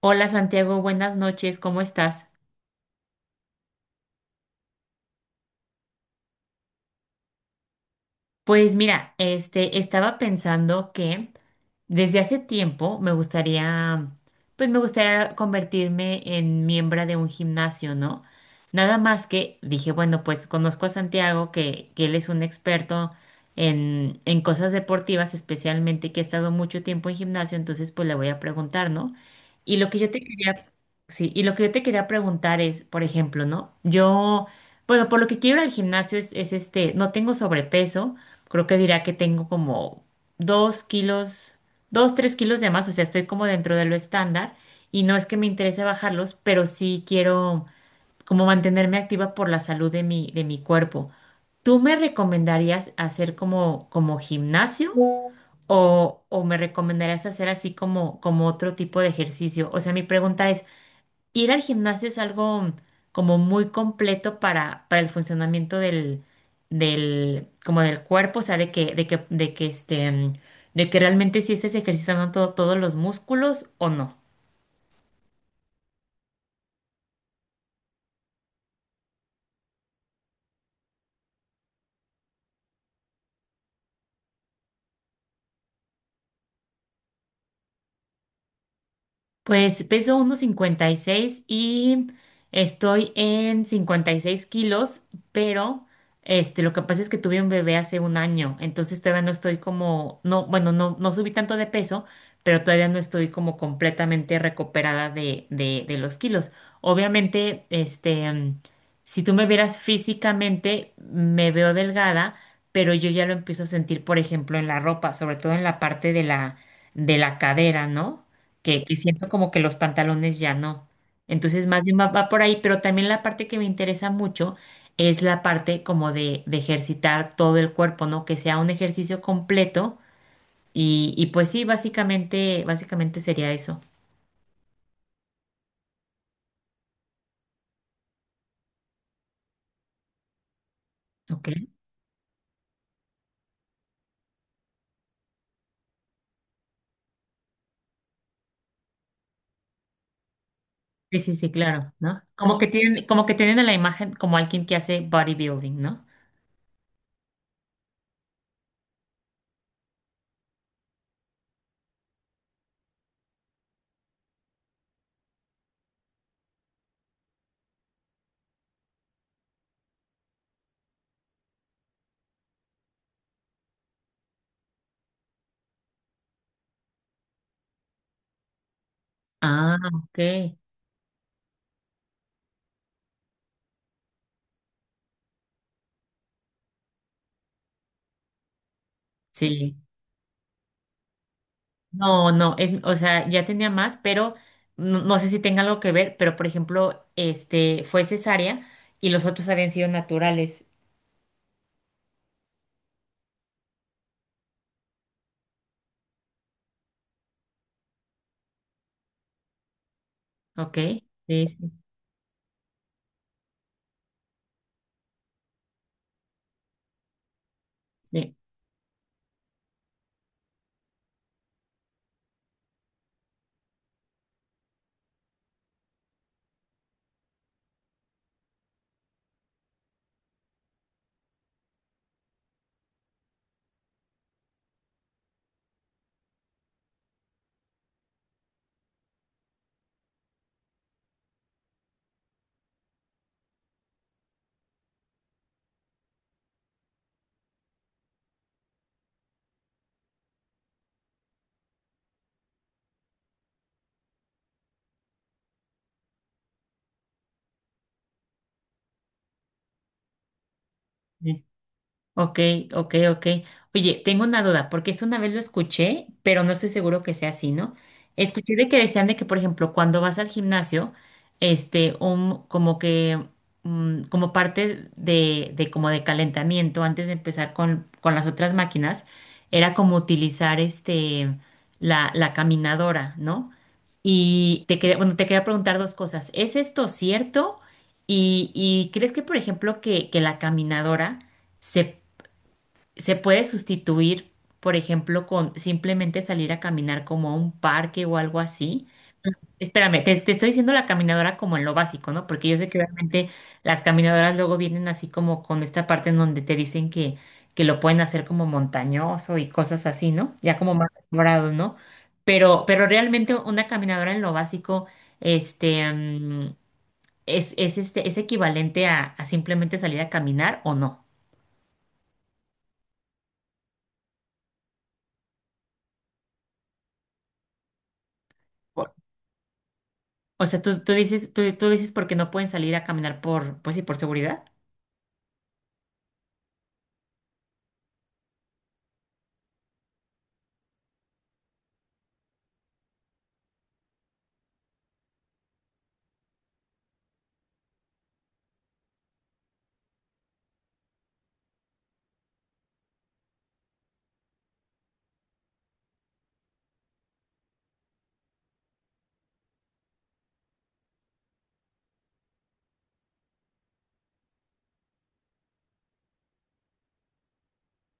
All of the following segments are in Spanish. Hola Santiago, buenas noches, ¿cómo estás? Pues mira, estaba pensando que desde hace tiempo me gustaría, pues me gustaría convertirme en miembro de un gimnasio, ¿no? Nada más que dije, bueno, pues conozco a Santiago, que él es un experto en cosas deportivas, especialmente que ha estado mucho tiempo en gimnasio, entonces pues le voy a preguntar, ¿no? Y lo que yo te quería, sí, y lo que yo te quería preguntar es, por ejemplo, ¿no? Yo, bueno, por lo que quiero ir al gimnasio es, no tengo sobrepeso, creo que dirá que tengo como dos kilos, dos, tres kilos de más, o sea, estoy como dentro de lo estándar y no es que me interese bajarlos, pero sí quiero como mantenerme activa por la salud de de mi cuerpo. ¿Tú me recomendarías hacer como gimnasio o me recomendarías hacer así como otro tipo de ejercicio? O sea, mi pregunta es, ir al gimnasio es algo como muy completo para el funcionamiento como del cuerpo, o sea, de que realmente si estés ejercitando todos los músculos o no. Pues peso 1,56 y estoy en 56 kilos, pero este, lo que pasa es que tuve un bebé hace un año, entonces todavía no estoy como, no, bueno, no subí tanto de peso, pero todavía no estoy como completamente recuperada de los kilos. Obviamente, si tú me vieras físicamente, me veo delgada, pero yo ya lo empiezo a sentir, por ejemplo, en la ropa, sobre todo en la parte de de la cadera, ¿no? Que siento como que los pantalones ya no. Entonces, más bien va por ahí, pero también la parte que me interesa mucho es la parte como de ejercitar todo el cuerpo, ¿no? Que sea un ejercicio completo y pues sí, básicamente, básicamente sería eso, ¿ok? Sí, sí, sí, claro, ¿no? Como que tienen a la imagen como alguien que hace bodybuilding, ¿no? Ah, ok, sí. No, no, es, o sea, ya tenía más, pero no, no sé si tenga algo que ver, pero por ejemplo, este fue cesárea y los otros habían sido naturales, ¿ok? Sí, sí, sí. Sí. Ok, ok, ok. Oye, tengo una duda, porque eso una vez lo escuché, pero no estoy seguro que sea así, ¿no? Escuché de que decían de que, por ejemplo, cuando vas al gimnasio, este, un, como que, mm, como parte de como de calentamiento, antes de empezar con las otras máquinas, era como utilizar la caminadora, ¿no? Y te quería, bueno, te quería preguntar dos cosas. ¿Es esto cierto? Y ¿crees que, por ejemplo, que la caminadora se se puede sustituir, por ejemplo, con simplemente salir a caminar como a un parque o algo así. Espérame, te estoy diciendo la caminadora como en lo básico, ¿no? Porque yo sé que realmente las caminadoras luego vienen así como con esta parte en donde te dicen que lo pueden hacer como montañoso y cosas así, ¿no? Ya como más elaborado, ¿no? Pero realmente una caminadora en lo básico, este, mm, es equivalente a simplemente salir a caminar o no. O sea, tú dices porque no pueden salir a caminar por, pues sí, por seguridad.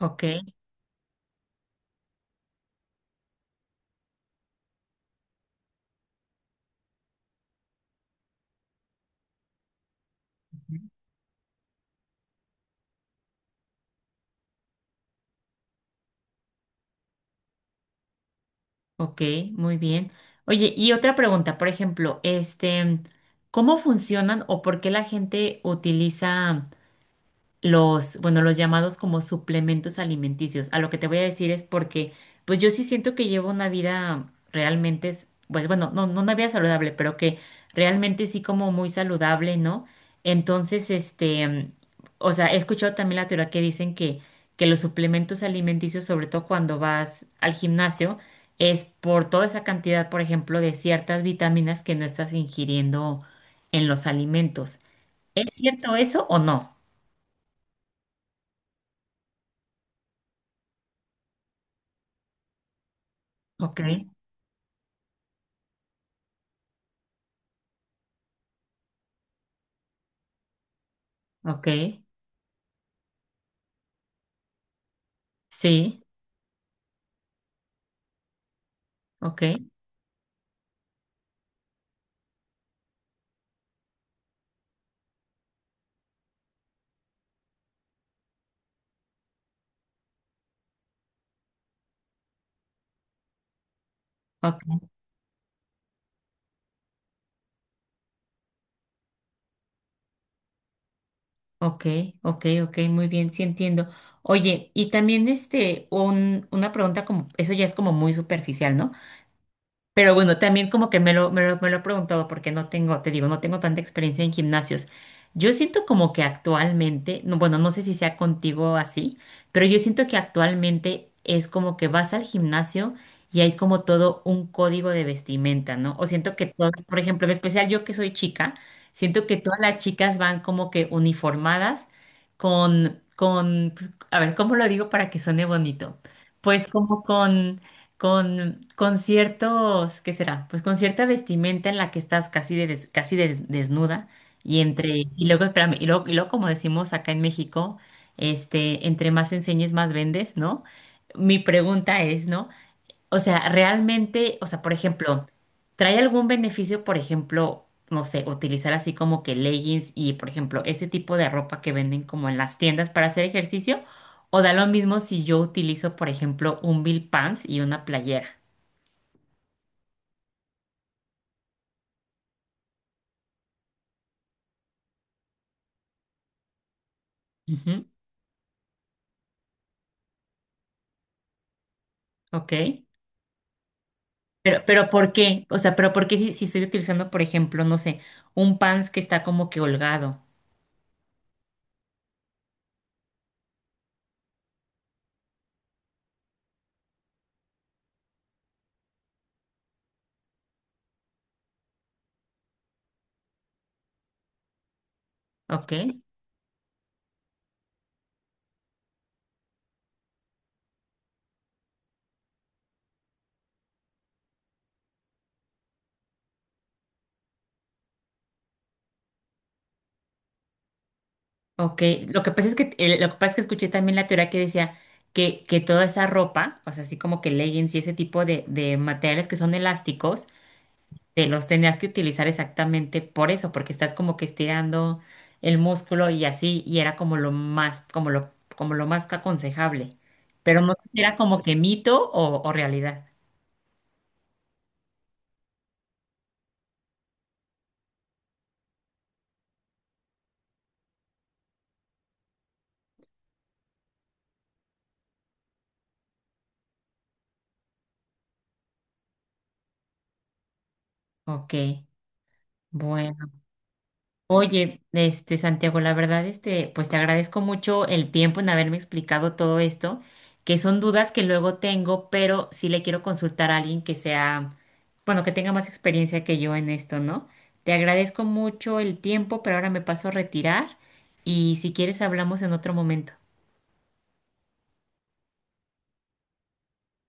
Ok, ok, muy bien. Oye, y otra pregunta, por ejemplo, este, ¿cómo funcionan o por qué la gente utiliza? Los, bueno, los llamados como suplementos alimenticios. A lo que te voy a decir es porque, pues yo sí siento que llevo una vida realmente, pues bueno, no una vida saludable, pero que realmente sí como muy saludable, ¿no? Entonces, este, mm, o sea, he escuchado también la teoría que dicen que los suplementos alimenticios, sobre todo cuando vas al gimnasio, es por toda esa cantidad, por ejemplo, de ciertas vitaminas que no estás ingiriendo en los alimentos. ¿Es cierto eso o no? Ok. Ok, sí, ok, ok, ok, ok, ok, muy bien, sí entiendo. Oye, una pregunta como, eso ya es como muy superficial, ¿no? Pero bueno, también como que me lo he preguntado porque no tengo, te digo, no tengo tanta experiencia en gimnasios. Yo siento como que actualmente, no, bueno, no sé si sea contigo así, pero yo siento que actualmente es como que vas al gimnasio y hay como todo un código de vestimenta, ¿no? O siento que todo, por ejemplo, en especial yo que soy chica, siento que todas las chicas van como que uniformadas pues, a ver, ¿cómo lo digo para que suene bonito? Pues como con ciertos, ¿qué será? Pues con cierta vestimenta en la que estás casi, casi desnuda y entre, y luego, espérame, y luego como decimos acá en México, este, entre más enseñes, más vendes, ¿no? Mi pregunta es, ¿no? O sea, realmente, o sea, por ejemplo, ¿trae algún beneficio, por ejemplo, no sé, utilizar así como que leggings y, por ejemplo, ese tipo de ropa que venden como en las tiendas para hacer ejercicio? ¿O da lo mismo si yo utilizo, por ejemplo, un bill pants y una playera? Ujú. Ok. Pero ¿por qué? O sea, pero ¿por qué si, si estoy utilizando, por ejemplo, no sé, un pants que está como que holgado? Ok. Ok, lo que pasa es que lo que pasa es que escuché también la teoría que decía que toda esa ropa, o sea, así como que leggings y ese tipo de materiales que son elásticos, te los tenías que utilizar exactamente por eso, porque estás como que estirando el músculo y así, y era como lo más aconsejable. Pero no sé si era como que mito o realidad. Ok, bueno. Oye, este Santiago, la verdad, este, pues te agradezco mucho el tiempo en haberme explicado todo esto, que son dudas que luego tengo, pero sí le quiero consultar a alguien que sea, bueno, que tenga más experiencia que yo en esto, ¿no? Te agradezco mucho el tiempo, pero ahora me paso a retirar y si quieres hablamos en otro momento.